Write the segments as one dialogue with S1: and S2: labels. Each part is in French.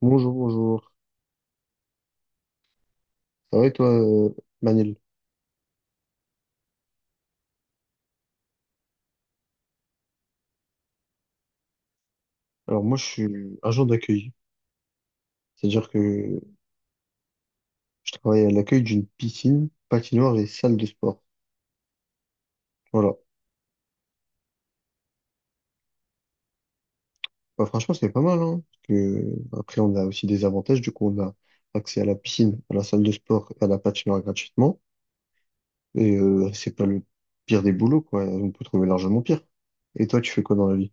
S1: Bonjour, bonjour. Ça va et toi, Manel? Alors moi, je suis agent d'accueil. C'est-à-dire que je travaille à l'accueil d'une piscine, patinoire et salle de sport. Voilà. Bah, franchement, c'est pas mal, hein, parce que après, on a aussi des avantages. Du coup, on a accès à la piscine, à la salle de sport et à la patinoire gratuitement. Et c'est pas le pire des boulots, quoi. On peut trouver largement pire. Et toi, tu fais quoi dans la vie?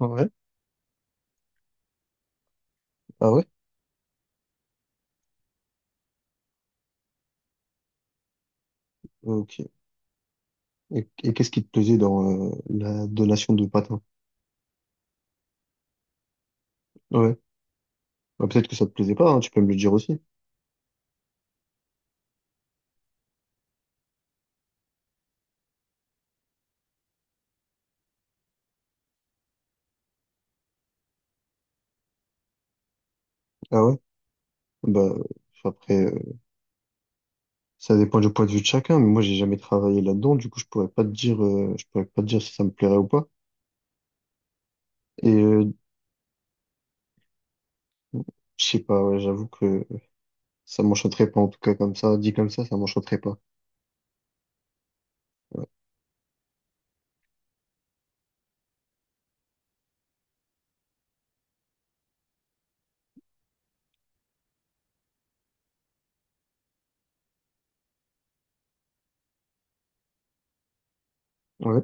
S1: Ah ouais. Ah ouais? Ok. Et qu'est-ce qui te plaisait dans la donation de patins? Ouais. Bah, peut-être que ça te plaisait pas, hein, tu peux me le dire aussi. Ah ouais? Bah, enfin, après, ça dépend du point de vue de chacun, mais moi, j'ai jamais travaillé là-dedans, du coup, je pourrais pas te dire si ça me plairait ou pas. Et je sais pas, ouais, j'avoue que ça m'enchanterait pas, en tout cas, comme ça, dit comme ça m'enchanterait pas. Ouais. Ouais.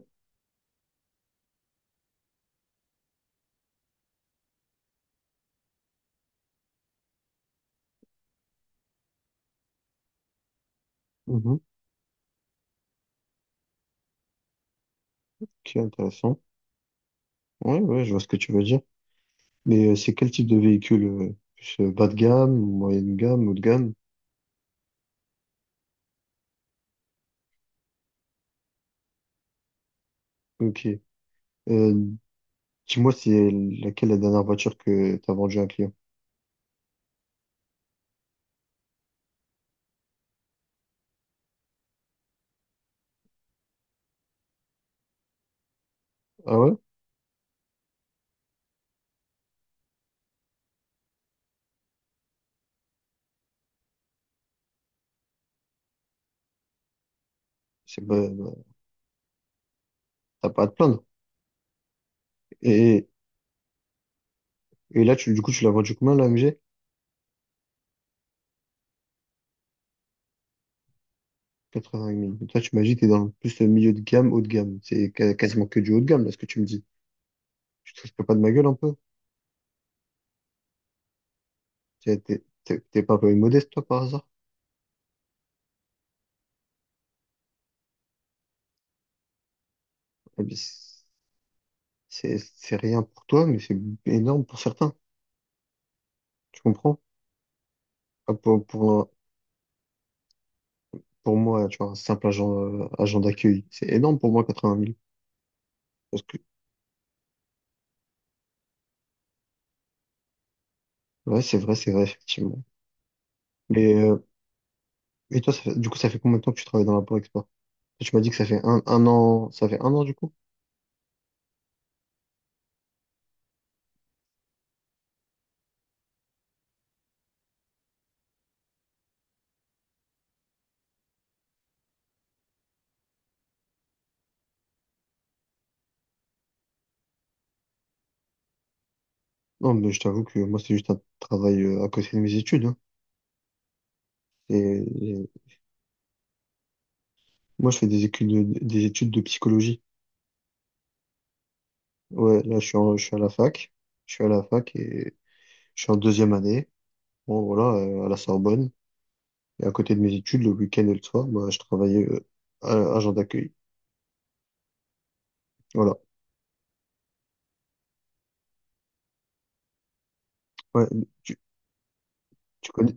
S1: Mhm. Ok, intéressant. Ouais, ouais, je vois ce que tu veux dire. Mais c'est quel type de véhicule? Plus bas de gamme, moyenne gamme, haut de gamme? Ok. Euh, dis-moi, c'est laquelle la dernière voiture que t'as vendue à un client? Ah ouais? C'est pas, t'as pas à te plaindre. et Et là, du coup, tu l'as vendu combien, l'AMG? 85 000. Toi, tu m'as dit que t'es dans plus le milieu de gamme, haut de gamme. Quasiment que du haut de gamme, là, ce que tu me dis. Tu te fais pas de ma gueule un peu? T'es pas un peu modeste, toi, par hasard? Eh bien, c'est rien pour toi, mais c'est énorme pour certains. Tu comprends? Ah, Pour, pour, un- pour moi, tu vois, un simple agent, agent d'accueil, c'est énorme pour moi, 80 000. Parce que, ouais, c'est vrai, effectivement. Mais, et toi, du coup, ça fait combien de temps que tu travailles dans la Export? Tu m'as dit que ça fait un an, ça fait 1 an, du coup? Non, mais je t'avoue que moi, c'est juste un travail à côté de mes études, hein. Et moi, je fais des études de psychologie. Ouais, là, je suis à la fac. Je suis à la fac et je suis en 2e année. Bon, voilà, à la Sorbonne. Et à côté de mes études, le week-end et le soir, moi, je travaillais agent d'accueil. Voilà. Ouais, tu, tu connais,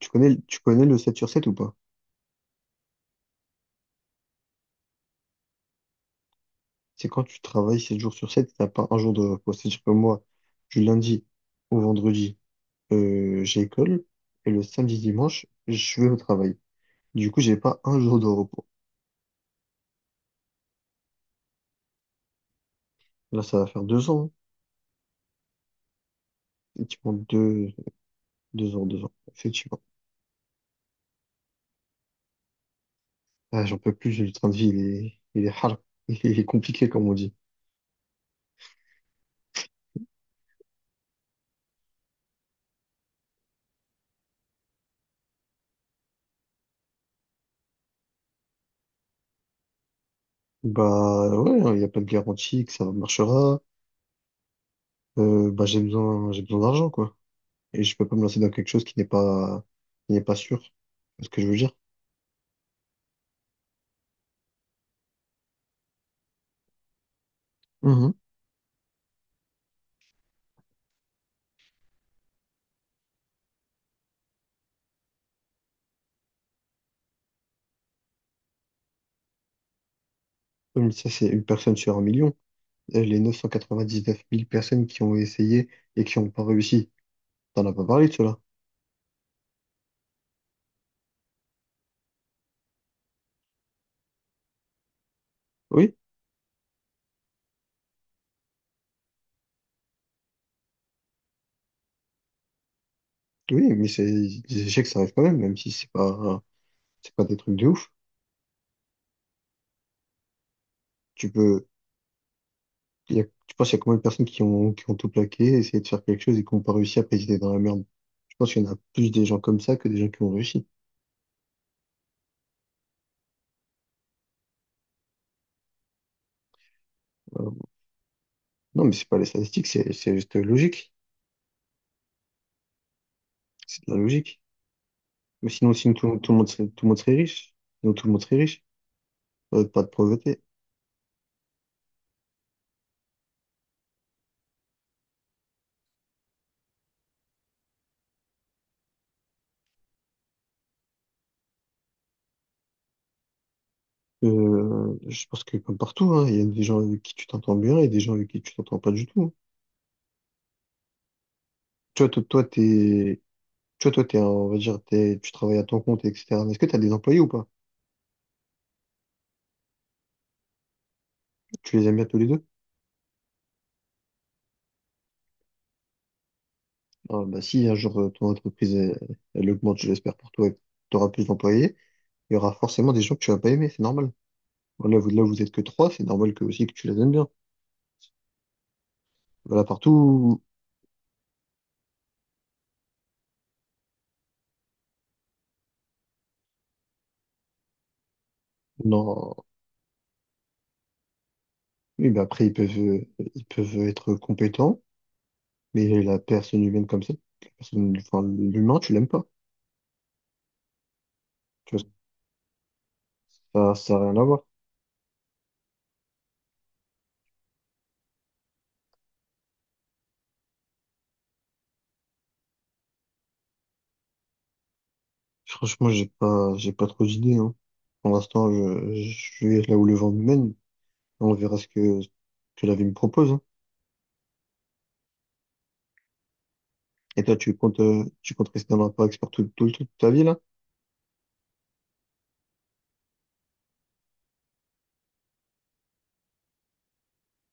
S1: tu connais le 7 sur 7 ou pas? C'est quand tu travailles 7 jours sur sept, t'as pas un jour de repos. C'est-à-dire que moi, du lundi au vendredi, j'ai école et le samedi dimanche, je vais au travail. Du coup, j'ai pas un jour de repos. Là, ça va faire 2 ans. Effectivement, 2 ans, 2 ans. Effectivement. Ah, j'en peux plus, le train de vie, il est hard. Il est compliqué, comme on dit. Bah, ouais, hein, il n'y a pas de garantie que ça marchera. Bah, j'ai besoin d'argent, quoi. Et je peux pas me lancer dans quelque chose qui n'est pas sûr. C'est ce que je veux dire. Mhm. Comme ça, c'est une personne sur un million. Les 999 000 personnes qui ont essayé et qui n'ont pas réussi. T'en as pas parlé de cela. Oui, oui, mais c'est des échecs, ça arrive quand même, même si c'est pas des trucs de ouf. Tu peux, tu penses qu'il y a combien de personnes qui ont tout plaqué, essayé de faire quelque chose et qui n'ont pas réussi à ils dans la merde. Je pense qu'il y en a plus des gens comme ça que des gens qui ont réussi. Euh, non, mais c'est pas les statistiques, c'est juste logique. C'est de la logique. Mais sinon tout le monde serait, tout le monde serait riche. Sinon, tout le monde serait riche. Pas de pauvreté. Je pense que comme partout, hein, il y a des gens avec qui tu t'entends bien et des gens avec qui tu t'entends pas du tout. Toi, toi, toi, t'es, Tu vois, toi, t'es un- on va dire, tu travailles à ton compte, etc. Mais est-ce que tu as des employés ou pas? Tu les aimes bien tous les deux? Ah, bah, si un jour elle augmente, je l'espère pour toi, et que tu auras plus d'employés, il y aura forcément des gens que tu vas pas aimer, c'est normal. Voilà, vous êtes que trois, c'est normal que aussi que tu les aimes bien. Voilà, partout. Non. Oui, mais après, ils peuvent être compétents, mais la personne humaine comme ça, la personne, enfin, l'humain, tu l'aimes pas. Tu vois, ça n'a rien à voir. Franchement, j'ai pas trop d'idées, hein. Pour l'instant, je vais là où le vent me mène. On verra ce que la vie me propose, hein. Et toi, tu comptes rester dans l'impact expert toute ta vie, là?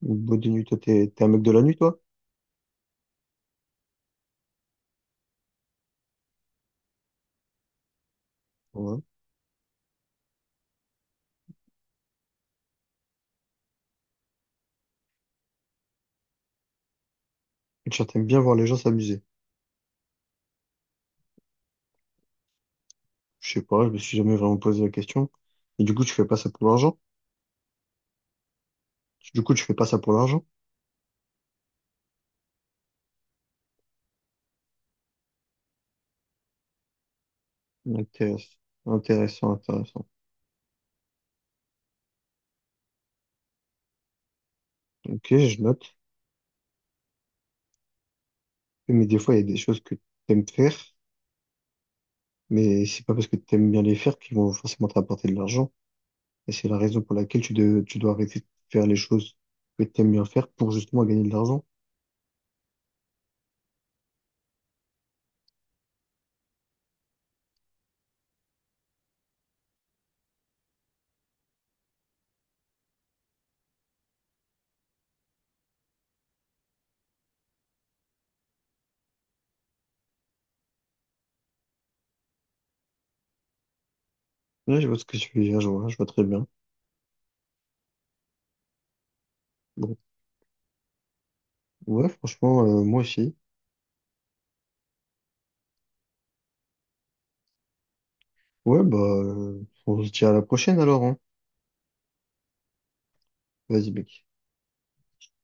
S1: Ou bout de nuit, t'es un mec de la nuit, toi? Ouais. Et tu t'aimes bien voir les gens s'amuser. Je sais pas, je me suis jamais vraiment posé la question. Et du coup, tu fais pas ça pour l'argent? Du coup, tu fais pas ça pour l'argent? Intéressant, intéressant. Ok, je note. Mais des fois, il y a des choses que t'aimes faire, mais c'est pas parce que t'aimes bien les faire qu'ils vont forcément t'apporter de l'argent. Et c'est la raison pour laquelle tu dois arrêter de faire les choses que tu aimes bien faire pour justement gagner de l'argent. Ouais, je vois ce que tu veux dire, je vois très bien. Bon, ouais, franchement, moi aussi. Ouais, bah, euh, on se dit à la prochaine alors, hein. Vas-y, mec.